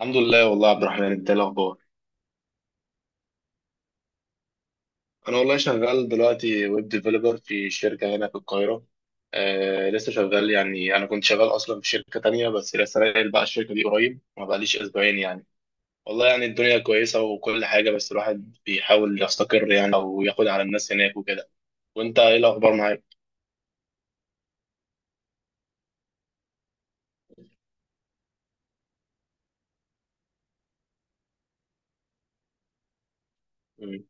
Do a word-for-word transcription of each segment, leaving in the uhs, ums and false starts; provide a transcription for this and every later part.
الحمد لله والله يا عبد الرحمن، انت ايه الاخبار؟ انا والله شغال دلوقتي ويب ديفلوبر في شركه هنا في القاهره. آه لسه شغال يعني، انا كنت شغال اصلا في شركه تانية بس لسه ناقل بقى الشركه دي قريب، ما بقاليش اسبوعين يعني. والله يعني الدنيا كويسه وكل حاجه، بس الواحد بيحاول يستقر يعني، او ياخد على الناس هناك وكده. وانت ايه الاخبار معاك؟ مم.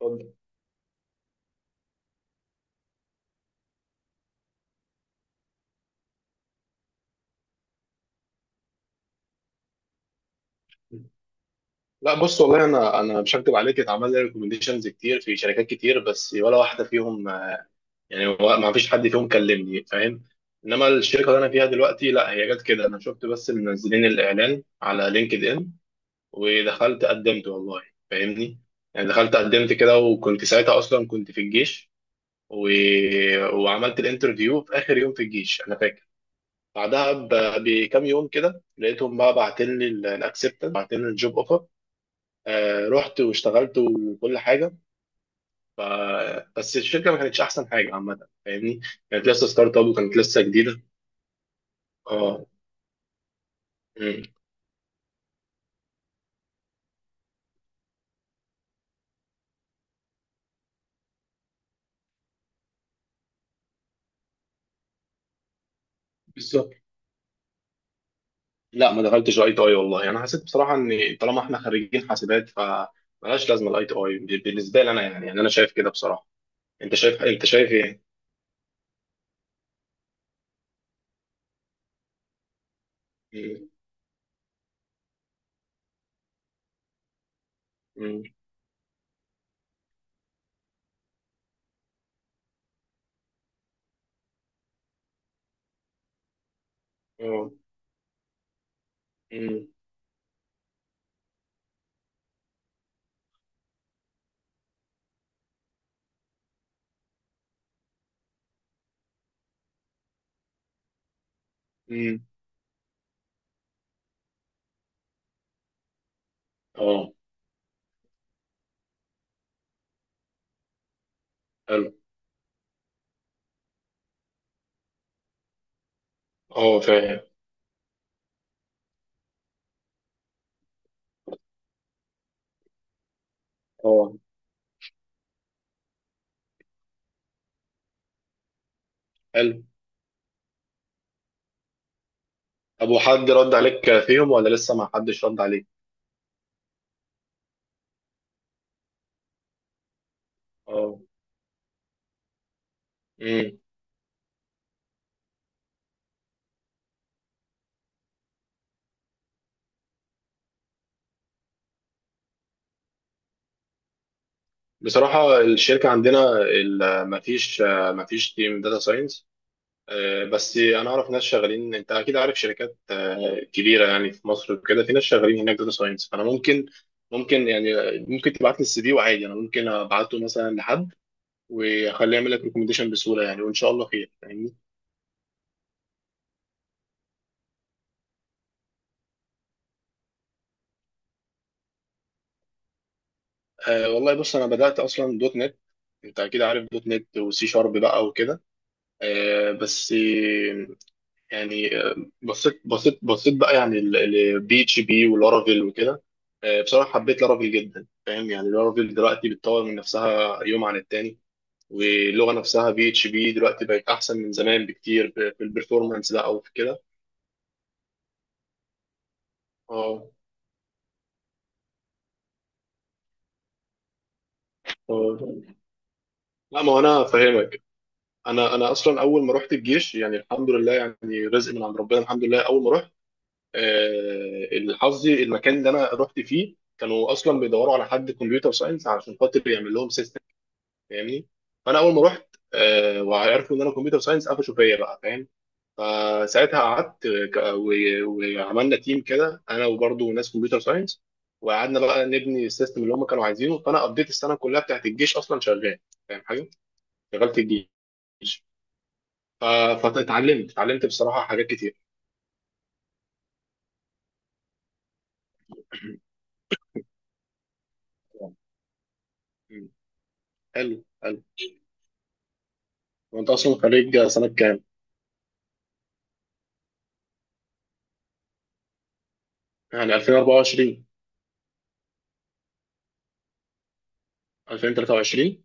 اتفضل. لا بص والله، انا انا مش هكدب عليك، اتعمل لي ريكومنديشنز كتير في شركات كتير، بس ولا واحده فيهم. يعني هو ما فيش حد فيهم كلمني، فاهم. انما الشركه اللي انا فيها دلوقتي لا، هي جت كده انا شفت بس منزلين الاعلان على لينكد ان ودخلت قدمت والله. فاهمني. يعني دخلت قدمت كده، وكنت ساعتها اصلا كنت في الجيش و... وعملت الانترفيو في اخر يوم في الجيش انا فاكر. بعدها ب... بكام يوم كده لقيتهم بقى بعتلي الاكسبتنس بعتلي الجوب اوفر. آه رحت واشتغلت وكل حاجه. ف... بس الشركه ما كانتش احسن حاجه عامه. فاهمني. كانت لسه ستارت اب وكانت لسه جديده. اه مم. بالظبط. لا ما دخلتش الاي تي اي والله، يعني انا حسيت بصراحه ان طالما احنا خريجين حاسبات فمالهاش لازمه الاي تي اي بالنسبه لي انا، يعني يعني انا شايف كده بصراحه. انت شايف، انت شايف ايه؟ مم. مم. اه مم. مم. اه حلو. اه فاهم. اه حلو. طب وحد رد عليك فيهم ولا لسه ما حدش رد عليك؟ اه بصراحة الشركة عندنا ال- مفيش، مفيش تيم داتا ساينس. بس أنا أعرف ناس شغالين، أنت أكيد عارف شركات آه، كبيرة يعني في مصر وكده، في ناس شغالين هناك داتا ساينس، فأنا ممكن ممكن يعني ممكن تبعت لي السي في وعادي، أنا ممكن أبعته مثلا لحد وأخليه يعمل لك ريكومنديشن بسهولة يعني وإن شاء الله خير. فاهمني. آه، والله بص، أنا بدأت أصلا دوت نت. أنت أكيد عارف دوت نت وسي شارب بقى وكده. آه، بس يعني آه، بصيت بصيت بصيت بقى يعني لبي اتش بي ولارافيل وكده. آه، بصراحه حبيت لارافيل جدا، فاهم يعني لارافيل دلوقتي بتطور من نفسها يوم عن التاني، واللغه نفسها بي اتش بي دلوقتي بقت احسن من زمان بكتير في في البرفورمانس ده او في كده. اه آه. لا ما هو انا فاهمك. انا انا اصلا اول ما رحت الجيش يعني الحمد لله، يعني رزق من عند ربنا الحمد لله، اول ما رحت آه، حظي المكان اللي انا رحت فيه كانوا اصلا بيدوروا على حد كمبيوتر ساينس عشان خاطر يعمل لهم سيستم. فاهمني. فانا اول ما رحت آه، وعرفوا ان انا كمبيوتر ساينس قفشوا فيا بقى. فاهم. فساعتها قعدت ك- و- وعملنا تيم كده انا وبرضه ناس كمبيوتر ساينس، وقعدنا بقى نبني السيستم اللي هم كانوا عايزينه. فانا قضيت السنه كلها بتاعت الجيش اصلا شغال. فاهم حاجه، شغال في الجيش. ف- فاتعلمت، اتعلمت بصراحه حاجات كتير. حلو حلو. وانت اصلا خريج سنه كام؟ يعني ألفين وأربعة وعشرين؟ ألفين وثلاثة وعشرين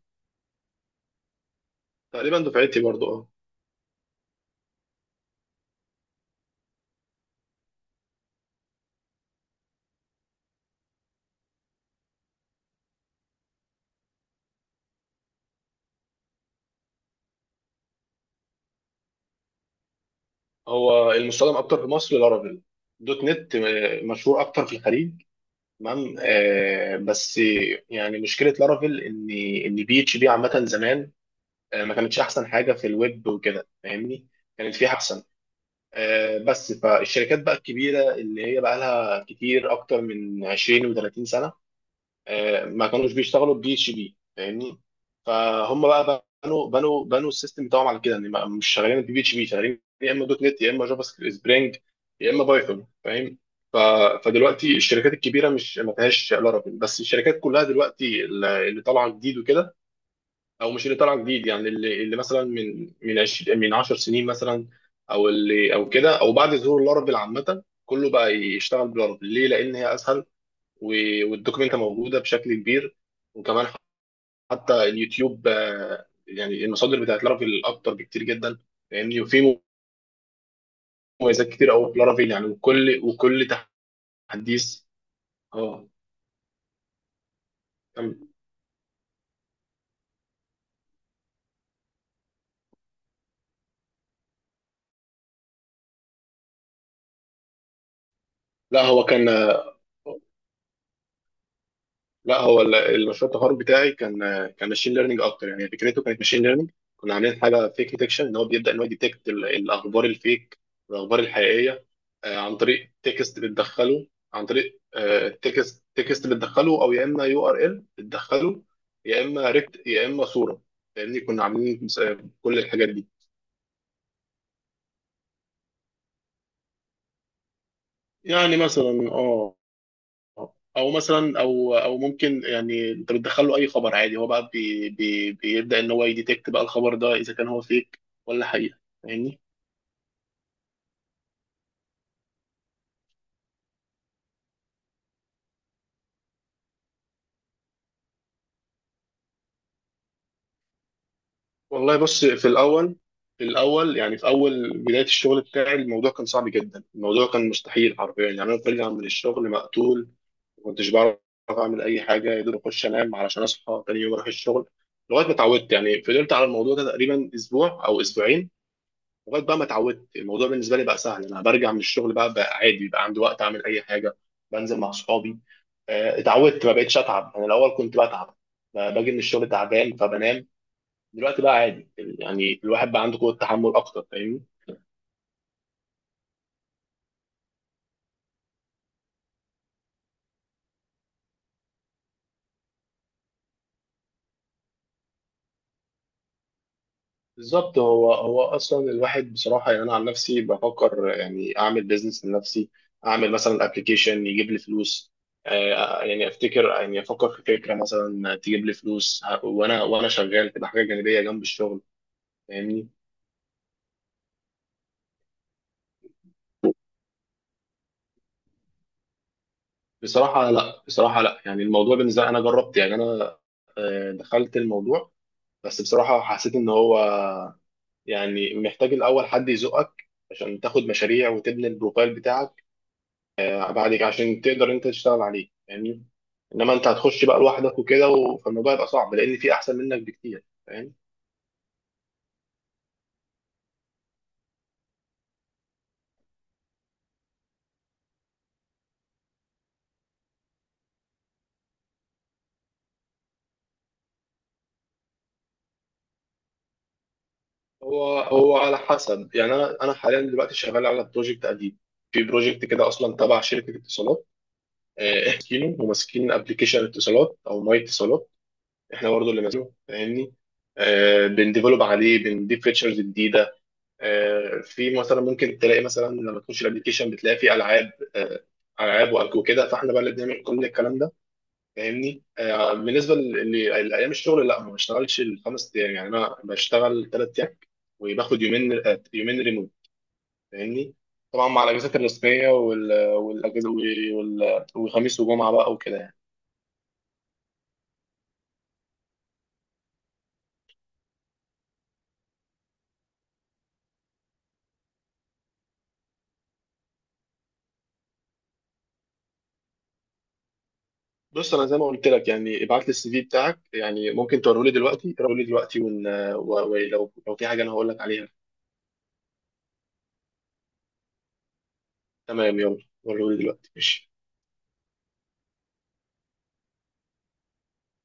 تقريبا دفعتي برضه أه. هو المستخدم اكتر في مصر لارافيل. دوت نت آه، مشهور اكتر في الخليج. تمام آه، بس يعني مشكله لارافيل ان، ان بي اتش بي عامه زمان آه، ما كانتش احسن حاجه في الويب وكده فاهمني. كانت في احسن آه، بس فالشركات بقى الكبيره اللي هي بقى لها كتير اكتر من عشرين و30 سنه آه، ما كانوش بيشتغلوا بي اتش بي. فاهمني. فهم بقى بنوا بنوا بنوا السيستم بتاعهم على كده ان ما- مش شغالين بي اتش بي، شغالين يا اما دوت نت يا اما جافا سكريبت سبرينج يا اما بايثون. فاهم. ف- فدلوقتي الشركات الكبيره مش ما فيهاش لارافيل، بس الشركات كلها دلوقتي اللي اللي طالعه جديد وكده، او مش اللي طالعه جديد، يعني اللي اللي مثلا من من عشرين من عشر سنين مثلا، او اللي او كده او بعد ظهور لارافيل عامه، كله بقى يشتغل بلارافيل ليه، لان هي اسهل و- والدوكيومنت موجوده بشكل كبير. وكمان حتى اليوتيوب آه، يعني المصادر بتاعت لارافيل اكتر بكتير جدا. فاهمني. وفي مميزات كتير قوي في لارافيل يعني، وكل وكل تحديث. اه كمل. لا هو كان آه، لا هو ال- المشروع التخرج بتاعي كان، كان ماشين ليرنينج اكتر. يعني فكرته كانت ماشين ليرنينج، كنا عاملين حاجه فيك ديتكشن ان هو بيبدا ان هو يديتكت ال- الاخبار الفيك والاخبار الحقيقيه آه، عن طريق تكست بتدخله، عن طريق تكست تكست بتدخله، او يا اما يو ار ال بتدخله، يا اما ريكت، يا اما صوره، لان كنا عاملين آه، كل الحاجات دي. يعني مثلا اه، او مثلا او او ممكن يعني انت بتدخل له اي خبر عادي هو بقى بي بي بيبدا ان هو يديتكت بقى الخبر ده اذا كان هو فيك ولا حقيقه. فاهمني. والله بص في الاول، في الاول يعني في اول بدايه الشغل بتاعي الموضوع كان صعب جدا. الموضوع كان مستحيل حرفيا، يعني انا برجع من الشغل مقتول، ما كنتش بعرف اعمل اي حاجه، يا دوب اخش انام علشان اصحى تاني يوم اروح الشغل لغايه ما اتعودت. يعني فضلت على الموضوع ده تقريبا اسبوع او اسبوعين، لغايه بقى ما اتعودت الموضوع بالنسبه لي بقى سهل، انا برجع من الشغل بقى بقى عادي، بقى عندي وقت اعمل اي حاجه، بنزل مع اصحابي آه، اتعودت، ما بقتش اتعب. انا الاول كنت بتعب، ب- باجي من الشغل تعبان فبنام. دلوقتي بقى عادي يعني الواحد بقى عنده قوه تحمل اكتر. فاهمني. بالظبط. هو هو اصلا الواحد بصراحه، يعني انا عن نفسي بفكر يعني اعمل بيزنس لنفسي، اعمل مثلا ابلكيشن يجيب لي فلوس، آه، يعني افتكر يعني افكر في فكره مثلا تجيب لي فلوس ه- وانا وانا شغال، تبقى حاجه جانبيه جنب الشغل. فاهمني. بصراحه لا، بصراحه لا. يعني الموضوع بالنسبه لي، انا جربت يعني انا آه، دخلت الموضوع، بس بصراحه حسيت ان هو يعني محتاج الاول حد يزقك عشان تاخد مشاريع وتبني البروفايل بتاعك آه، بعد كده عشان تقدر انت تشتغل عليه. فاهمني. انما انت هتخش بقى لوحدك وكده و- فالموضوع يبقى صعب لان في احسن منك بكتير. فاهم. هو هو على حسب يعني انا انا حاليا دلوقتي شغال على بروجكت قديم، في بروجكت كده اصلا تبع شركه اتصالات آه، احكيله، وماسكين ابلكيشن اتصالات او ماي اتصالات، احنا برضه اللي ماسكينه. فاهمني. آه، بنديفلوب عليه بنضيف فيتشرز جديده آه، في مثلا ممكن تلاقي مثلا لما تخش الابلكيشن بتلاقي فيه العاب، آه، العاب وأك- وكده، فاحنا بقى اللي بنعمل كل الكلام ده. فاهمني. آه، بالنسبه ل- لايام الشغل لا، ما بشتغلش الخمس ايام، يعني انا بشتغل ثلاث ايام، وباخد يومين آه، يومين ريموت. فاهمني. طبعا مع الاجازات الرسميه وال- والاجازه وال- وخميس وجمعه بقى وكده يعني. بص انا زي ما قلت لك يعني ابعت لي السي في بتاعك، يعني ممكن توريه لي دلوقتي، وريه لي دلوقتي ون... و... ولو لو في حاجه انا هقول لك عليها. تمام يلا، وريه لي دلوقتي ماشي.